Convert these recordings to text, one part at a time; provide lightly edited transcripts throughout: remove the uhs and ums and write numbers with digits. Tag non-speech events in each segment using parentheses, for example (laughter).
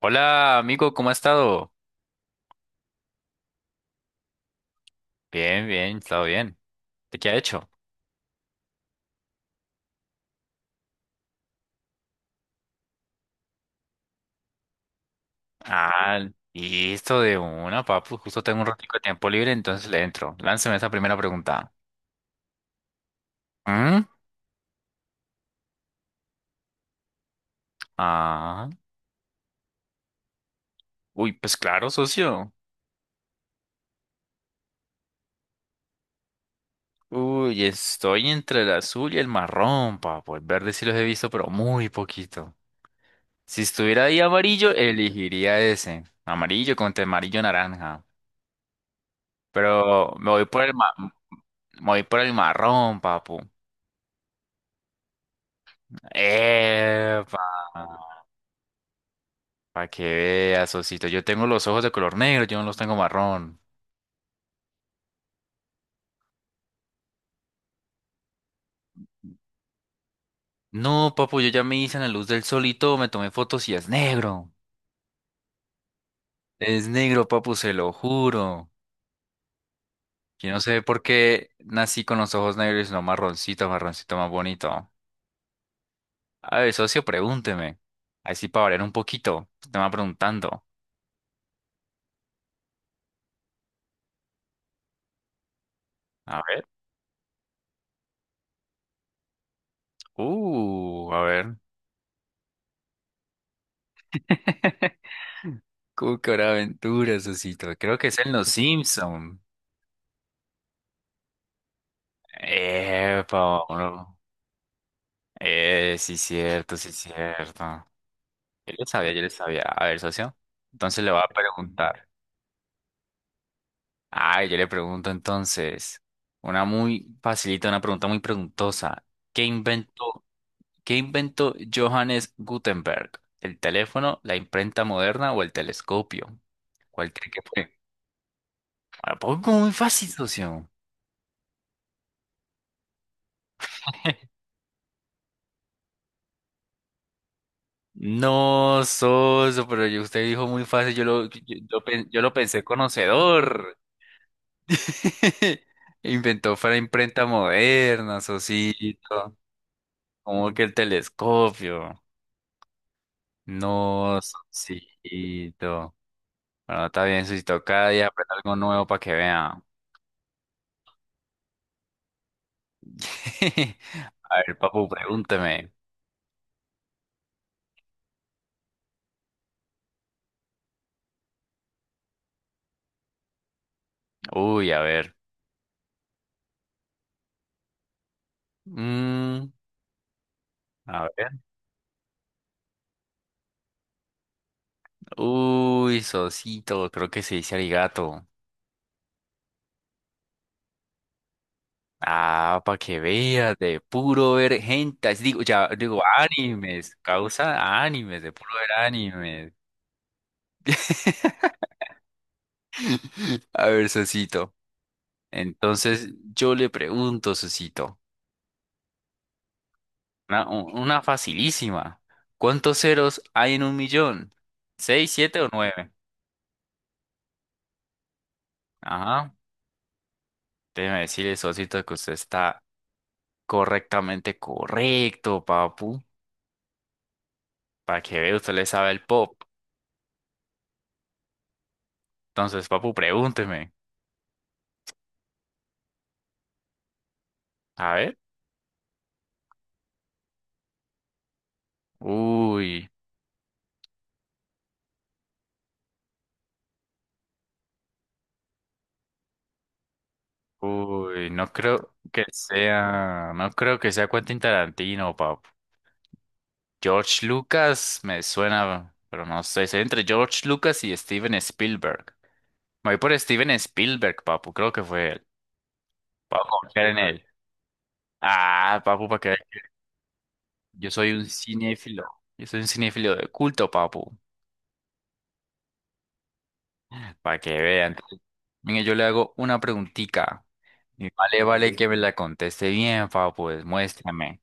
Hola, amigo, ¿cómo ha estado? Bien, bien, he estado bien. ¿De qué ha hecho? Ah, listo de una, papu. Justo tengo un ratito de tiempo libre, entonces le entro. Lánceme esa primera pregunta. ¿Mm? Ah, uy, pues claro, socio. Uy, estoy entre el azul y el marrón, papu. El verde sí los he visto, pero muy poquito. Si estuviera ahí amarillo, elegiría ese. Amarillo contra amarillo naranja. Pero me voy por el marrón, papu. Epa, para que veas, Osito. Yo tengo los ojos de color negro, yo no los tengo marrón. No, papu, yo ya me hice en la luz del sol y todo, me tomé fotos y es negro. Es negro, papu, se lo juro. Yo no sé por qué nací con los ojos negros y no marroncito, marroncito más bonito. A ver, socio, pregúnteme. Así para variar un poquito. Usted me va preguntando. A ver. A ver. (laughs) Cucaraventuras, Osito. Creo que es en Los Simpson. Epa, Paolo. Sí, cierto, sí, cierto. Yo le sabía, yo le sabía. A ver, socio. Entonces le voy a preguntar. Ah, yo le pregunto entonces. Una muy facilita, una pregunta muy preguntosa. ¿Qué inventó, ¿qué inventó Johannes Gutenberg? ¿El teléfono, la imprenta moderna o el telescopio? ¿Cuál cree que fue? Ah, poco muy fácil, socio. (laughs) No, socio, pero usted dijo muy fácil, yo lo pensé conocedor. (laughs) Inventó para imprenta moderna, Sosito. Como que el telescopio. No, Sosito. Bueno, está bien, Sosito. Cada día aprende algo nuevo para que vean. (laughs) A ver, papu, pregúnteme. Uy, a ver. Mm, a ver. Uy, Sosito, creo que se dice arigato. Ah, para que veas, de puro ver gentas. Digo, ya, digo, animes. Causa animes, de puro ver animes. (laughs) A ver, Sosito. Entonces yo le pregunto, Sosito, una facilísima. ¿Cuántos ceros hay en un millón? ¿Seis, siete o nueve? Ajá. Déjeme decirle, Sosito, que usted está correctamente correcto, papu. Para que vea, usted le sabe el pop. Entonces, papu, pregúnteme. A ver. Uy, uy, no creo que sea Quentin Tarantino, papu. George Lucas me suena, pero no sé. Estoy entre George Lucas y Steven Spielberg. Me voy por Steven Spielberg, papu. Creo que fue él. Vamos a confiar en él. Ah, papu, para que vea. Yo soy un cinéfilo. Yo soy un cinéfilo de culto, papu. Para que vean. Mire, yo le hago una preguntica. Y vale, vale que me la conteste bien, papu. Pues, muéstrame.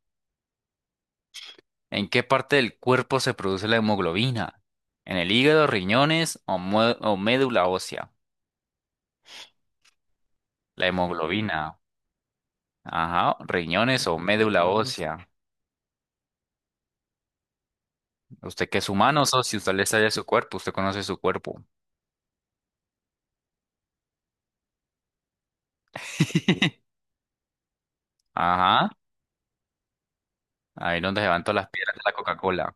¿En qué parte del cuerpo se produce la hemoglobina? ¿En el hígado, riñones o, o médula ósea? La hemoglobina. Ajá, riñones o médula Riñones. Ósea. Usted que es humano, socio, usted le sale su cuerpo, usted conoce su cuerpo. (laughs) Ajá, ahí donde se van todas las piedras de la Coca-Cola.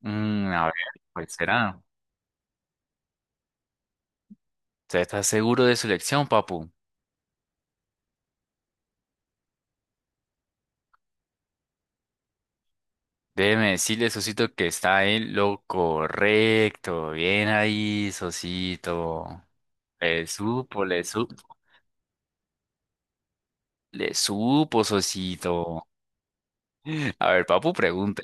Mm, a ver, pues será. ¿Usted está seguro de su elección, papu? Déjeme decirle, Sosito, que está en lo correcto. Bien ahí, Sosito. Le supo, le supo, le supo, Sosito. (laughs) A ver, papu, pregunte.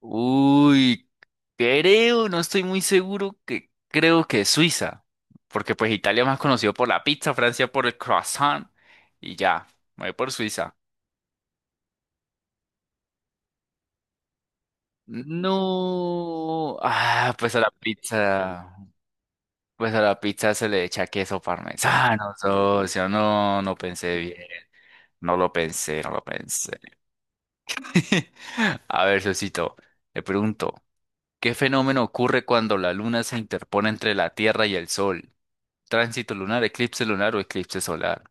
Uy, creo, no estoy muy seguro que creo que es Suiza, porque pues Italia es más conocido por la pizza, Francia por el croissant y ya, me voy por Suiza. No, ah, pues a la pizza se le echa queso parmesano, socio, no, no pensé bien, no lo pensé, no lo pensé. (laughs) A ver, socito, le pregunto, ¿qué fenómeno ocurre cuando la luna se interpone entre la Tierra y el Sol? Tránsito lunar, eclipse lunar o eclipse solar.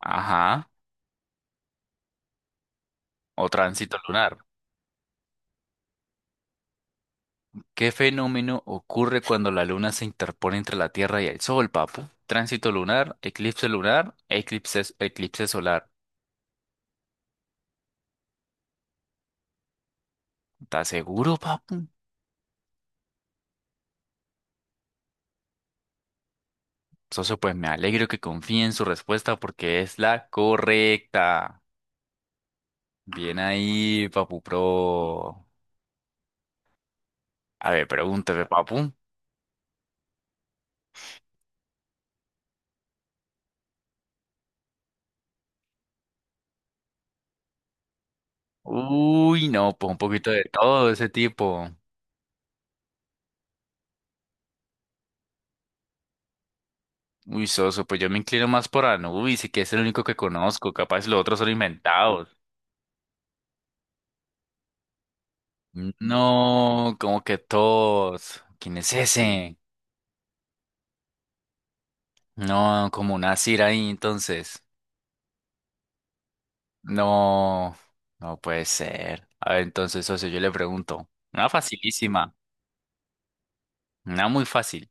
Ajá. O tránsito lunar. ¿Qué fenómeno ocurre cuando la luna se interpone entre la Tierra y el Sol, papu? Tránsito lunar, eclipse lunar, eclipse solar. ¿Estás seguro, papu? Socio, pues me alegro que confíe en su respuesta porque es la correcta. Bien ahí, papu pro. A ver, pregúnteme, papu. Uy, no, pues un poquito de todo ese tipo. Uy, soso, pues yo me inclino más por Anubis y que es el único que conozco. Capaz los otros son inventados. No, como que todos. ¿Quién es ese? No, como una Cira ahí, entonces. No, no puede ser. A ver, entonces, socio, yo le pregunto. Una facilísima, una muy fácil.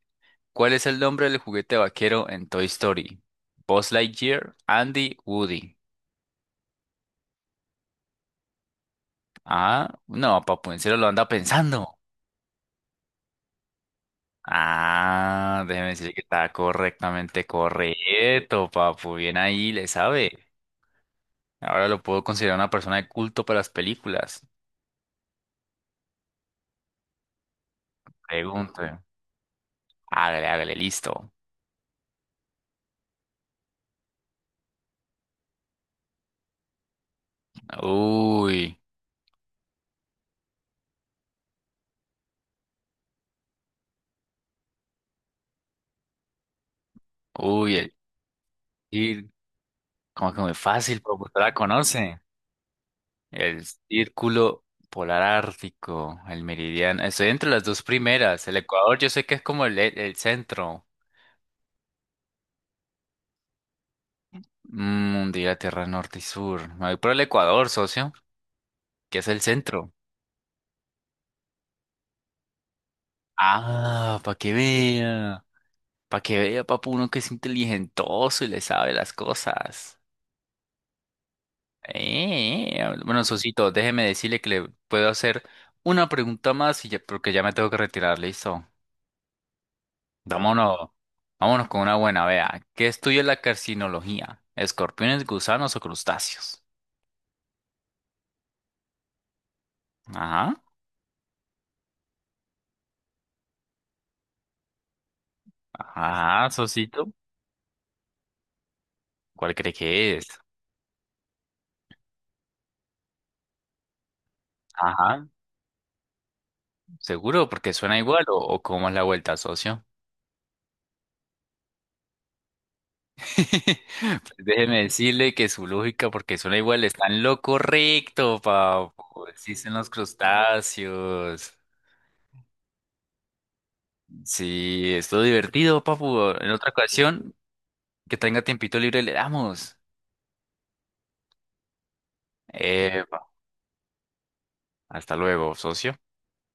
¿Cuál es el nombre del juguete vaquero en Toy Story? Buzz Lightyear, Andy, Woody. Ah, no, papu, en serio lo anda pensando. Ah, déjeme decirle que está correctamente correcto, papu. Bien ahí, le sabe. Ahora lo puedo considerar una persona de culto para las películas. Pregunte. Hágale, hágale, listo. Uy, uy, cir- como que muy fácil, papu. Usted la conoce. El círculo polar ártico, el meridiano. Estoy entre las dos primeras. El Ecuador, yo sé que es como el centro. Mm, diga Tierra Norte y Sur. Me voy por el Ecuador, socio, que es el centro. Ah, para que vea. Para que vea, papu, uno que es inteligentoso y le sabe las cosas. Bueno, Sosito, déjeme decirle que le puedo hacer una pregunta más y ya- porque ya me tengo que retirar, listo. Vámonos, vámonos con una buena, vea. ¿Qué estudia la carcinología? ¿Escorpiones, gusanos o crustáceos? Ajá, ajá, Sosito. ¿Cuál cree que es? Ajá, seguro, porque suena igual o cómo es la vuelta, socio. (laughs) Pues déjeme decirle que su lógica, porque suena igual, está en lo correcto, papu. Existen los crustáceos. Sí, es todo divertido, papu. En otra ocasión, que tenga tiempito libre, le damos. Epa, hasta luego, socio.